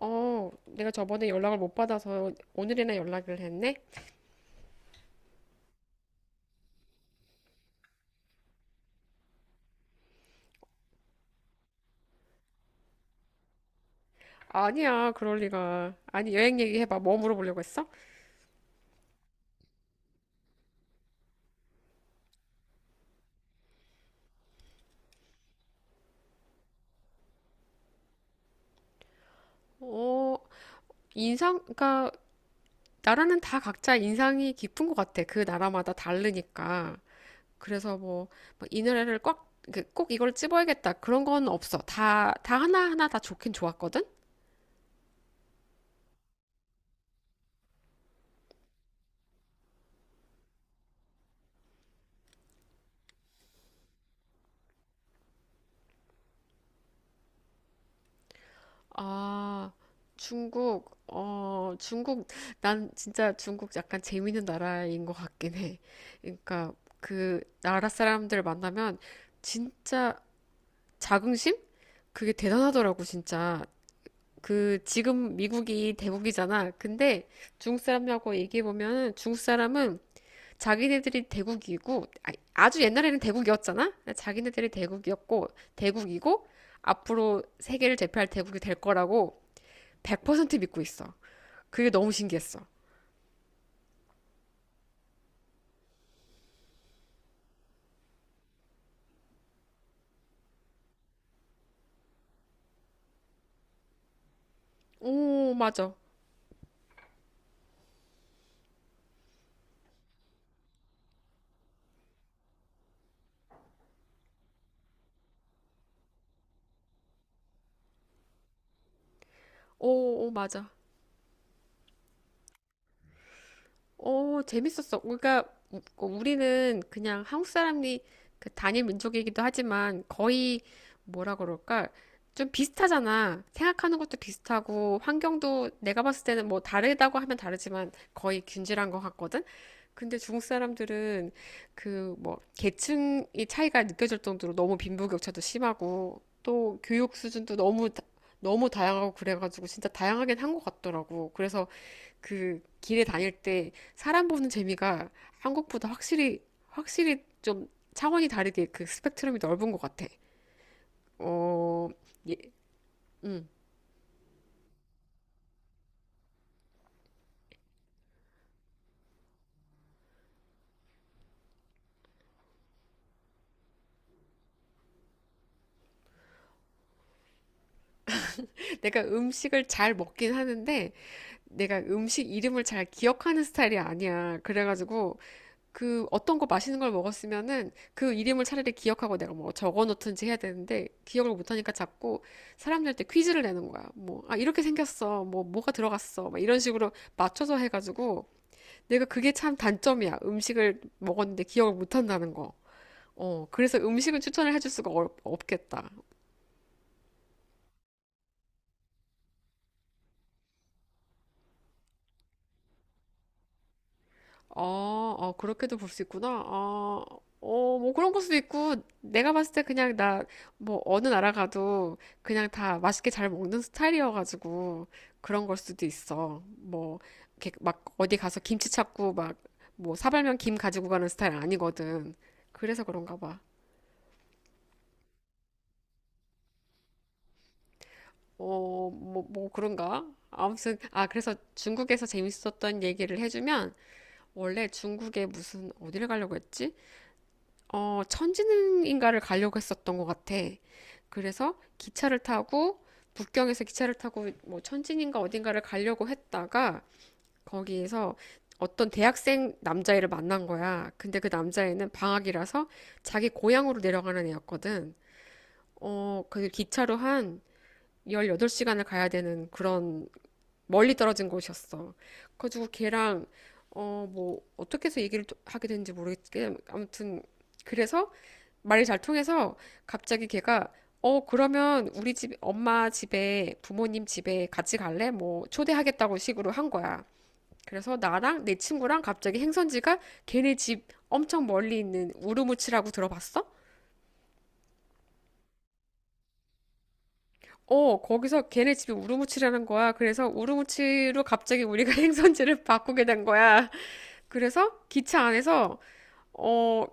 내가 저번에 연락을 못 받아서 오늘이나 연락을 했네? 아니야, 그럴 리가. 아니, 여행 얘기해봐. 뭐 물어보려고 했어? 어, 인상, 그러니까, 나라는 다 각자 인상이 깊은 것 같아. 그 나라마다 다르니까. 그래서 뭐, 막이 노래를 꽉, 그꼭 이걸 찝어야겠다. 그런 건 없어. 다 하나하나 다 좋긴 좋았거든? 아, 중국, 중국, 난 진짜 중국 약간 재밌는 나라인 것 같긴 해. 그러니까 그 나라 사람들 만나면 진짜 자긍심? 그게 대단하더라고, 진짜. 그 지금 미국이 대국이잖아. 근데 중국 사람하고 얘기해 보면 중국 사람은 자기네들이 대국이고 아주 옛날에는 대국이었잖아. 자기네들이 대국이었고 대국이고 앞으로 세계를 제패할 대국이 될 거라고 100% 믿고 있어. 그게 너무 신기했어. 오, 맞아. 오, 오, 맞아. 오, 재밌었어. 그러니까 우리는 그냥 한국 사람이 그 단일 민족이기도 하지만 거의 뭐라 그럴까? 좀 비슷하잖아. 생각하는 것도 비슷하고 환경도 내가 봤을 때는 뭐 다르다고 하면 다르지만 거의 균질한 것 같거든? 근데 중국 사람들은 그 뭐 계층이 차이가 느껴질 정도로 너무 빈부격차도 심하고 또 교육 수준도 너무 다양하고 그래가지고 진짜 다양하긴 한 것 같더라고. 그래서 그 길에 다닐 때 사람 보는 재미가 한국보다 확실히 좀 차원이 다르게 그 스펙트럼이 넓은 것 같아. 어, 예, 음. 내가 음식을 잘 먹긴 하는데 내가 음식 이름을 잘 기억하는 스타일이 아니야. 그래가지고 그 어떤 거 맛있는 걸 먹었으면은 그 이름을 차라리 기억하고 내가 뭐 적어 놓든지 해야 되는데 기억을 못 하니까 자꾸 사람들한테 퀴즈를 내는 거야. 뭐, 아, 이렇게 생겼어. 뭐, 뭐가 들어갔어. 막 이런 식으로 맞춰서 해가지고 내가 그게 참 단점이야. 음식을 먹었는데 기억을 못 한다는 거. 그래서 음식은 추천을 해줄 수가 없겠다. 아, 아, 그렇게도 볼 수 있구나. 아, 뭐 그런 걸 수도 있고, 내가 봤을 때 그냥 나, 뭐, 어느 나라 가도 그냥 다 맛있게 잘 먹는 스타일이어가지고, 그런 걸 수도 있어. 뭐, 이렇게 막 어디 가서 김치 찾고, 막, 뭐, 사발면 김 가지고 가는 스타일 아니거든. 그래서 그런가 봐. 뭐, 그런가? 아무튼, 아, 그래서 중국에서 재밌었던 얘기를 해주면, 원래 중국에 무슨, 어디를 가려고 했지? 천지능인가를 가려고 했었던 것 같아. 그래서 기차를 타고 북경에서 기차를 타고 뭐 천지인가 어딘가를 가려고 했다가 거기에서 어떤 대학생 남자애를 만난 거야. 근데 그 남자애는 방학이라서 자기 고향으로 내려가는 애였거든. 그 기차로 한 18시간을 가야 되는 그런 멀리 떨어진 곳이었어. 그래가지고 걔랑 뭐 어떻게 해서 얘기를 또 하게 됐는지 모르겠지만 아무튼 그래서 말이 잘 통해서 갑자기 걔가 그러면 우리 집 엄마 집에 부모님 집에 같이 갈래? 뭐 초대하겠다고 식으로 한 거야. 그래서 나랑 내 친구랑 갑자기 행선지가 걔네 집 엄청 멀리 있는 우르무치라고 들어봤어? 거기서 걔네 집이 우르무치라는 거야. 그래서 우르무치로 갑자기 우리가 행선지를 바꾸게 된 거야. 그래서 기차 안에서 어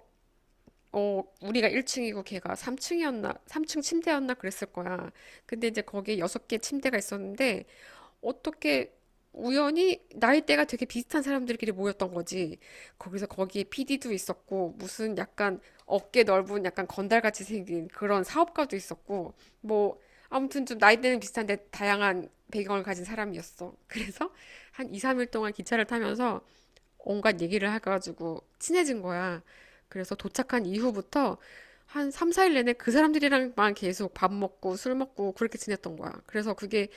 우리가 1층이고 걔가 3층이었나, 3층 침대였나 그랬을 거야. 근데 이제 거기에 6개 침대가 있었는데, 어떻게 우연히 나이대가 되게 비슷한 사람들끼리 모였던 거지. 거기서 거기에 PD도 있었고, 무슨 약간 어깨 넓은 약간 건달같이 생긴 그런 사업가도 있었고, 뭐, 아무튼 좀 나이대는 비슷한데 다양한 배경을 가진 사람이었어. 그래서 한 2, 3일 동안 기차를 타면서 온갖 얘기를 해가지고 친해진 거야. 그래서 도착한 이후부터 한 3, 4일 내내 그 사람들이랑만 계속 밥 먹고 술 먹고 그렇게 지냈던 거야. 그래서 그게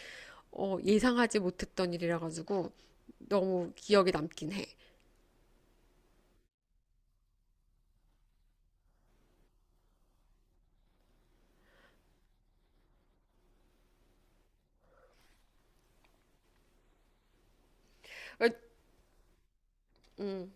예상하지 못했던 일이라 가지고 너무 기억에 남긴 해. 어, 음.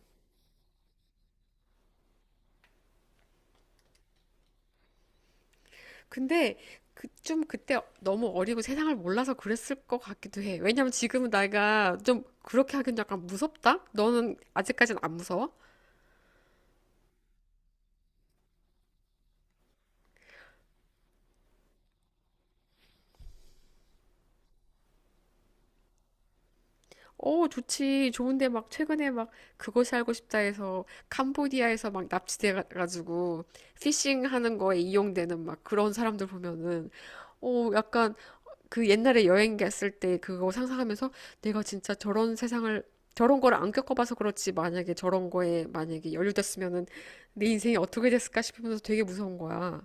근데 그, 좀 그때 너무 어리고 세상을 몰라서 그랬을 것 같기도 해. 왜냐면 지금은 내가 좀 그렇게 하긴 약간 무섭다? 너는 아직까지는 안 무서워? 어, 좋지. 좋은데 막 최근에 막 그거살 알고 싶다 해서 캄보디아에서 막 납치돼 가지고 피싱 하는 거에 이용되는 막 그런 사람들 보면은 약간 그 옛날에 여행 갔을 때 그거 상상하면서 내가 진짜 저런 세상을 저런 걸 안 겪어봐서 그렇지 만약에 저런 거에 만약에 연루됐으면은 내 인생이 어떻게 됐을까 싶으면서 되게 무서운 거야.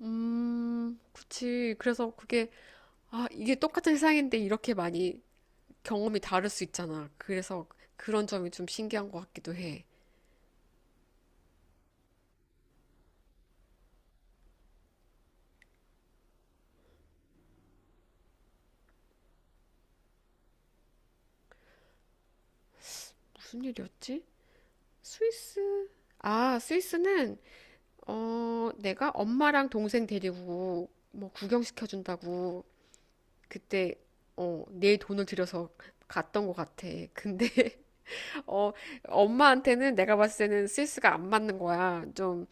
그치. 그래서 그게 아, 이게 똑같은 세상인데 이렇게 많이 경험이 다를 수 있잖아. 그래서 그런 점이 좀 신기한 것 같기도 해. 무슨 일이었지? 스위스? 아, 스위스는, 내가 엄마랑 동생 데리고 뭐 구경시켜준다고 그때, 내 돈을 들여서 갔던 것 같아. 근데 어, 엄마한테는 내가 봤을 때는 센스가 안 맞는 거야. 좀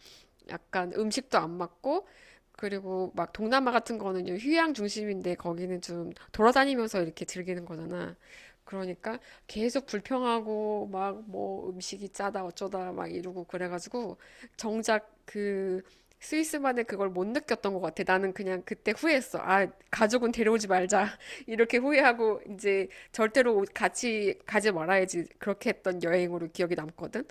약간 음식도 안 맞고, 그리고 막 동남아 같은 거는 좀 휴양 중심인데 거기는 좀 돌아다니면서 이렇게 즐기는 거잖아. 그러니까 계속 불평하고 막 뭐 음식이 짜다 어쩌다 막 이러고 그래가지고 정작 그 스위스만의 그걸 못 느꼈던 것 같아. 나는 그냥 그때 후회했어. 아, 가족은 데려오지 말자. 이렇게 후회하고 이제 절대로 같이 가지 말아야지 그렇게 했던 여행으로 기억이 남거든.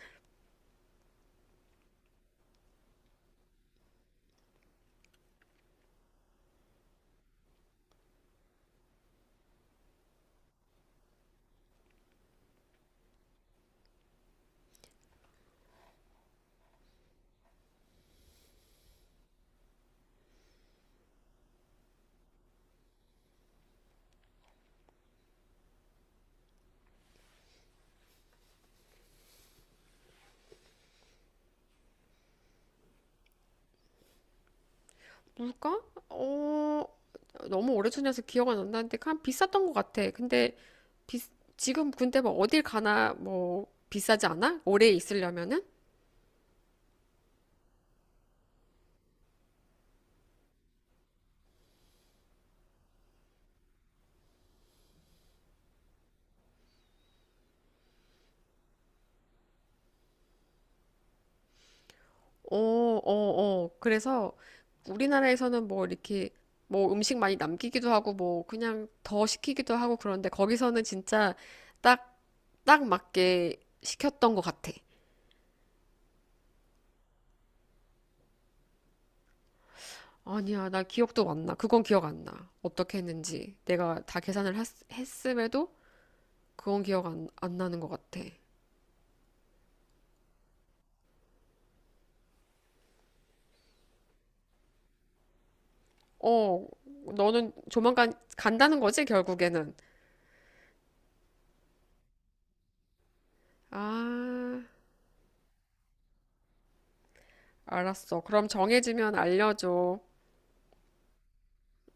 뭘까? 어, 너무 오래전이라서 기억 안 난다는데 그냥 비쌌던 것 같아. 근데 비, 지금 근데 뭐 어딜 가나 뭐 비싸지 않아? 오래 있으려면은? 어, 어, 어. 그래서 우리나라에서는 뭐 이렇게 뭐 음식 많이 남기기도 하고 뭐 그냥 더 시키기도 하고 그런데 거기서는 진짜 딱, 딱 맞게 시켰던 것 같아. 아니야, 나 기억도 안 나. 그건 기억 안 나. 어떻게 했는지. 내가 다 계산을 했음에도 그건 기억 안 나는 것 같아. 어, 너는 조만간 간다는 거지, 결국에는. 아, 알았어. 그럼 정해지면 알려줘.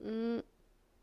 음.